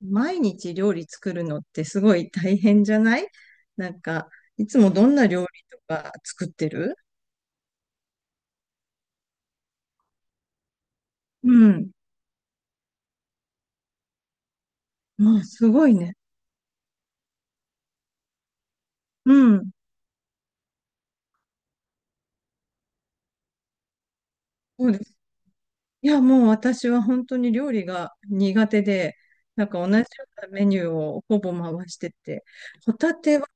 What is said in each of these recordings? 毎日料理作るのってすごい大変じゃない？なんか、いつもどんな料理とか作ってる？うん。もうすごいね。うん。そうです。いや、もう私は本当に料理が苦手で、なんか同じようなメニューをほぼ回してて、ホタテは、ホ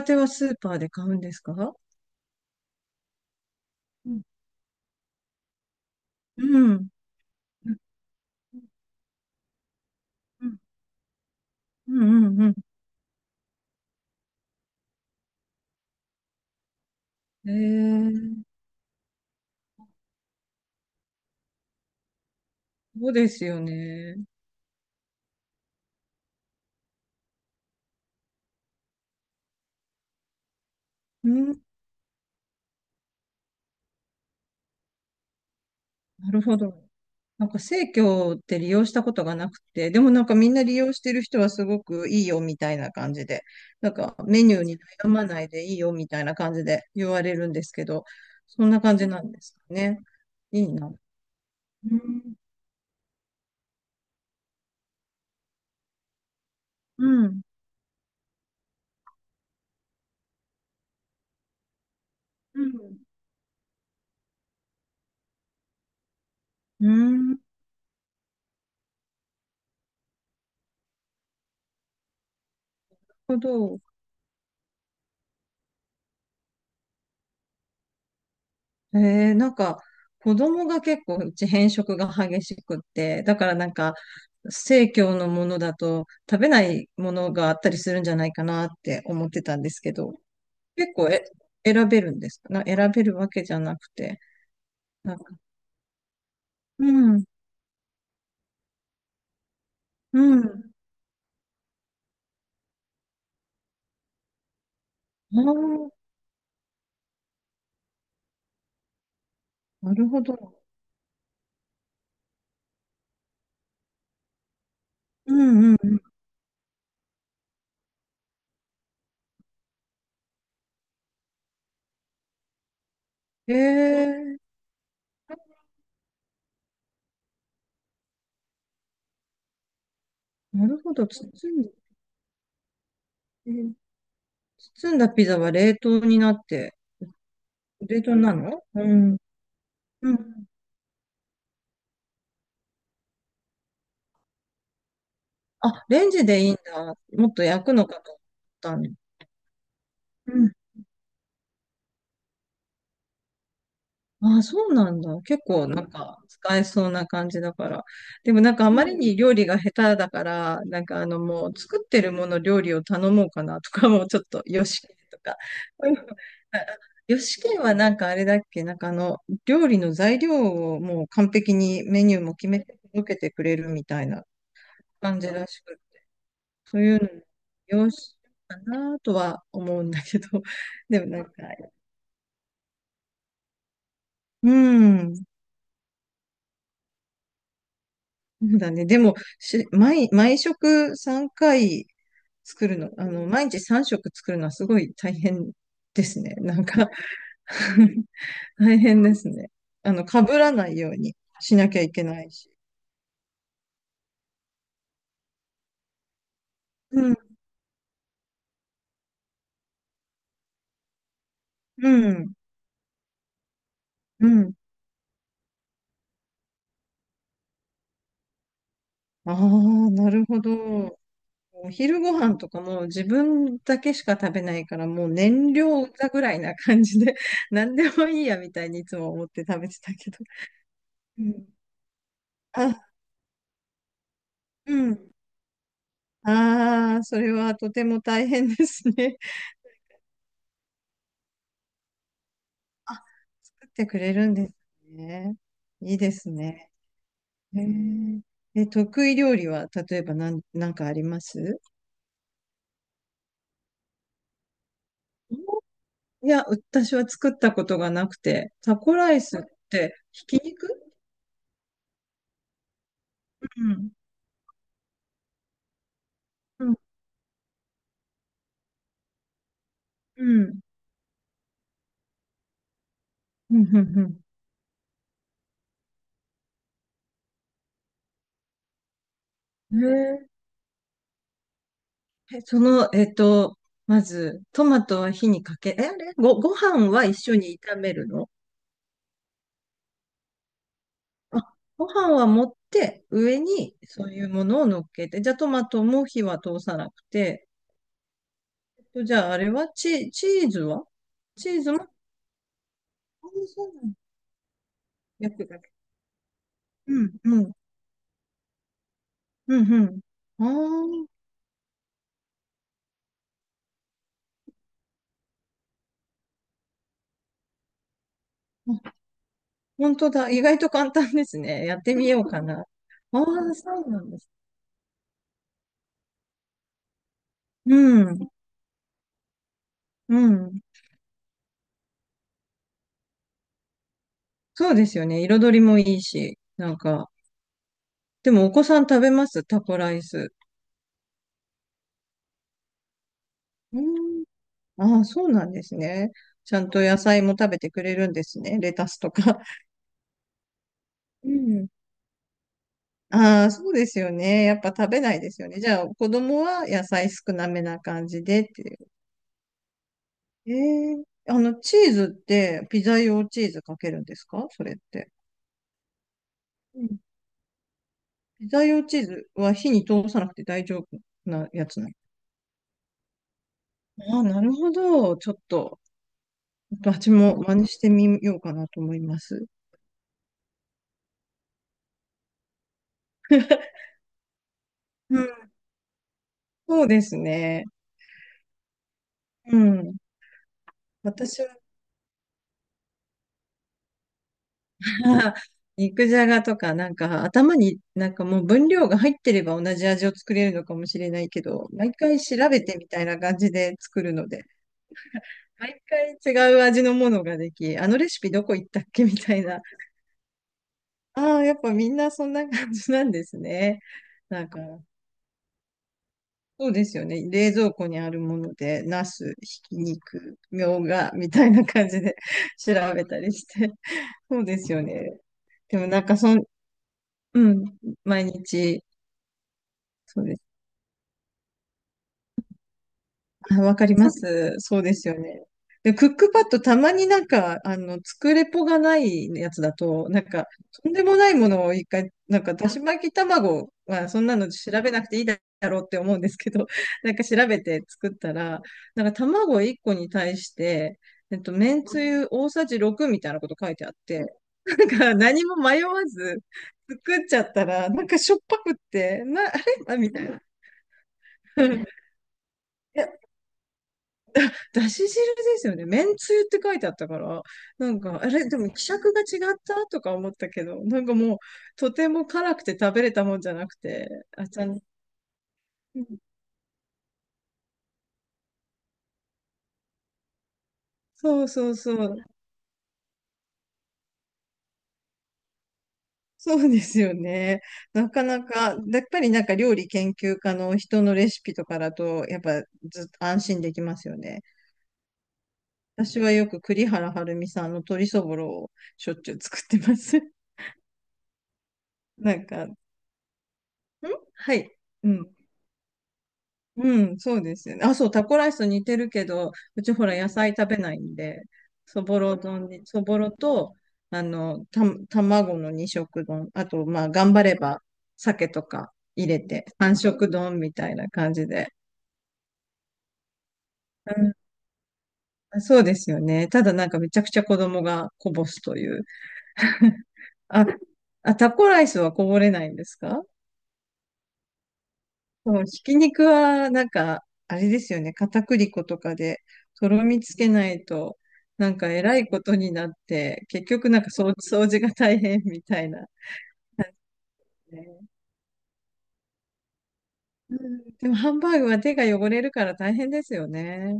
タテはスーパーで買うんですか？うん。うん。うんうんうん。ええー、そうですよね。うん。なるほど。なんか生協って利用したことがなくて、でもなんかみんな利用してる人はすごくいいよみたいな感じで、なんかメニューに悩まないでいいよみたいな感じで言われるんですけど、そんな感じなんですかね。いいな。うん。うん。うん。うん、なるほど。なんか、子供が結構うち偏食が激しくって、だからなんか、生協のものだと食べないものがあったりするんじゃないかなって思ってたんですけど。結構選べるんですかな、選べるわけじゃなくて。なんか、うん、うん。ああ、なるほど。うんうん。ええ、なるほど。包んで、えー包んだピザは冷凍になって、冷凍なの？うん。うん。あ、レンジでいいんだ。もっと焼くのかと思ったね。ああ、そうなんだ。結う構うなんん、か使えそうな感じだから。でもなんかあまりに料理が下手だから、なんかあのもう作ってるもの料理を頼もうかなとかもちょっと、よしきとか。うん、よしきはなんかあれだっけ、なんかあの料理の材料をもう完璧にメニューも決めて届けてくれるみたいな感じらしく、そういうのよしかなとは思うんだけど、でもなんか、うん、そうだね。でも、毎食3回作るの、あの、毎日3食作るのはすごい大変ですね。なんか 大変ですね。あの、被らないようにしなきゃいけないし。うん、うん、うん。ああ、なるほど。お昼ご飯とかも自分だけしか食べないから、もう燃料だぐらいな感じで、何でもいいやみたいにいつも思って食べてたけど。うん。あ、うん。ああ、それはとても大変ですね。作ってくれるんですね。いいですね。へーえ、得意料理は、例えば何、なんかあります？いや、私は作ったことがなくて、タコライスってひき肉？うん。うん。うん。うん。うんうん、へーえ、その、まず、トマトは火にかけ、え、あれご、ご飯は一緒に炒めるの？あ、ご飯は持って、上にそういうものを乗っけて、じゃあトマトも火は通さなくて、じゃああれはチーズは？チーズも、あ、そうなんだ、焼くだけ。うん、うん、うん、うん。あーあ、本当だ。意外と簡単ですね。やってみようかな。ああ、そうなんです。うん、うん。そうですよね。彩りもいいし、なんか。でもお子さん食べますタコライス？うん、ああ、そうなんですね。ちゃんと野菜も食べてくれるんですね。レタスとか。うん。ああ、そうですよね。やっぱ食べないですよね。じゃあ、子供は野菜少なめな感じでっていう。ええ、あの、チーズって、ピザ用チーズかけるんですか、それって？うん。ピザ用チーズは火に通さなくて大丈夫なやつなの？ああ、なるほど。ちょっと、私も真似してみようかなと思います。うん、そうですね。うん。私は あー肉じゃがとか、なんか頭になんかもう分量が入ってれば同じ味を作れるのかもしれないけど、毎回調べてみたいな感じで作るので、毎回違う味のものができ、あのレシピどこ行ったっけみたいな。ああ、やっぱみんなそんな感じなんですね。なんか、そうですよね。冷蔵庫にあるもので、ナス、ひき肉、みょうが、みたいな感じで 調べたりして。そうですよね。でもなんかうん、毎日、そうです。あ、わかりそまそうす。そうですよね。で、クックパッドたまになんか、あの、作れぽがないやつだと、なんか、とんでもないものを一回、なんか、だし巻き卵はそんなの調べなくていいだろうって思うんですけど、なんか調べて作ったら、なんか卵1個に対して、めんつゆ大さじ6みたいなこと書いてあって、なんか何も迷わず作っちゃったら、なんかしょっぱくって、あれ、あ、みたいな。だし汁ですよね。めんつゆって書いてあったから、なんか、あれ、でも、希釈が違ったとか思ったけど、なんかもう、とても辛くて食べれたもんじゃなくて、あ、ちゃん、うん、そうそうそう、そうですよね。なかなか、やっぱりなんか料理研究家の人のレシピとかだと、やっぱずっと安心できますよね。私はよく栗原はるみさんの鶏そぼろをしょっちゅう作ってます。なんか、ん、はい。うん。うん、そうですよね。あ、そう、タコライスと似てるけど、うちほら野菜食べないんで、そぼろ丼に、そぼろと、あの、卵の二色丼、あと、まあ、頑張れば、鮭とか入れて、三色丼みたいな感じで。うん、そうですよね。ただなんかめちゃくちゃ子供がこぼすという。あ、あ、タコライスはこぼれないんですか？うん、ひき肉は、なんか、あれですよね。片栗粉とかで、とろみつけないと、なんか、えらいことになって、結局、なんか掃除が大変みたいな。ね、うん、でも、ハンバーグは手が汚れるから大変ですよね。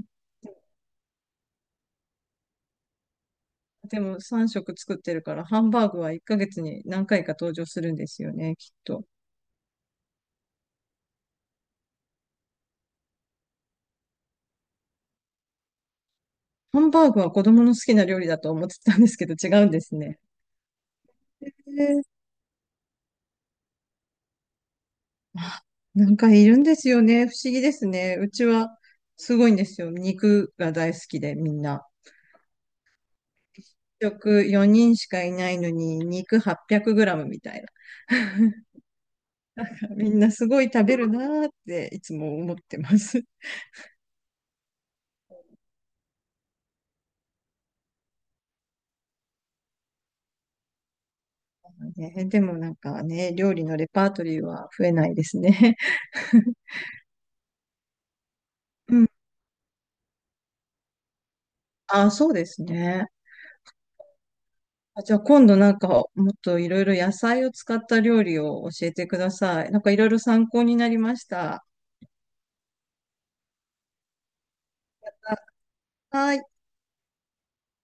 でも、3食作ってるから、ハンバーグは1ヶ月に何回か登場するんですよね、きっと。ハンバーグは子供の好きな料理だと思ってたんですけど、違うんですね。なんかいるんですよね。不思議ですね。うちはすごいんですよ。肉が大好きで、みんな。食4人しかいないのに、肉800グラムみたいな。みんなすごい食べるなーっていつも思ってます。ね、でもなんかね、料理のレパートリーは増えないですね。うん。あ、そうですね。あ、じゃあ今度なんかもっといろいろ野菜を使った料理を教えてください。なんかいろいろ参考になりました。はい。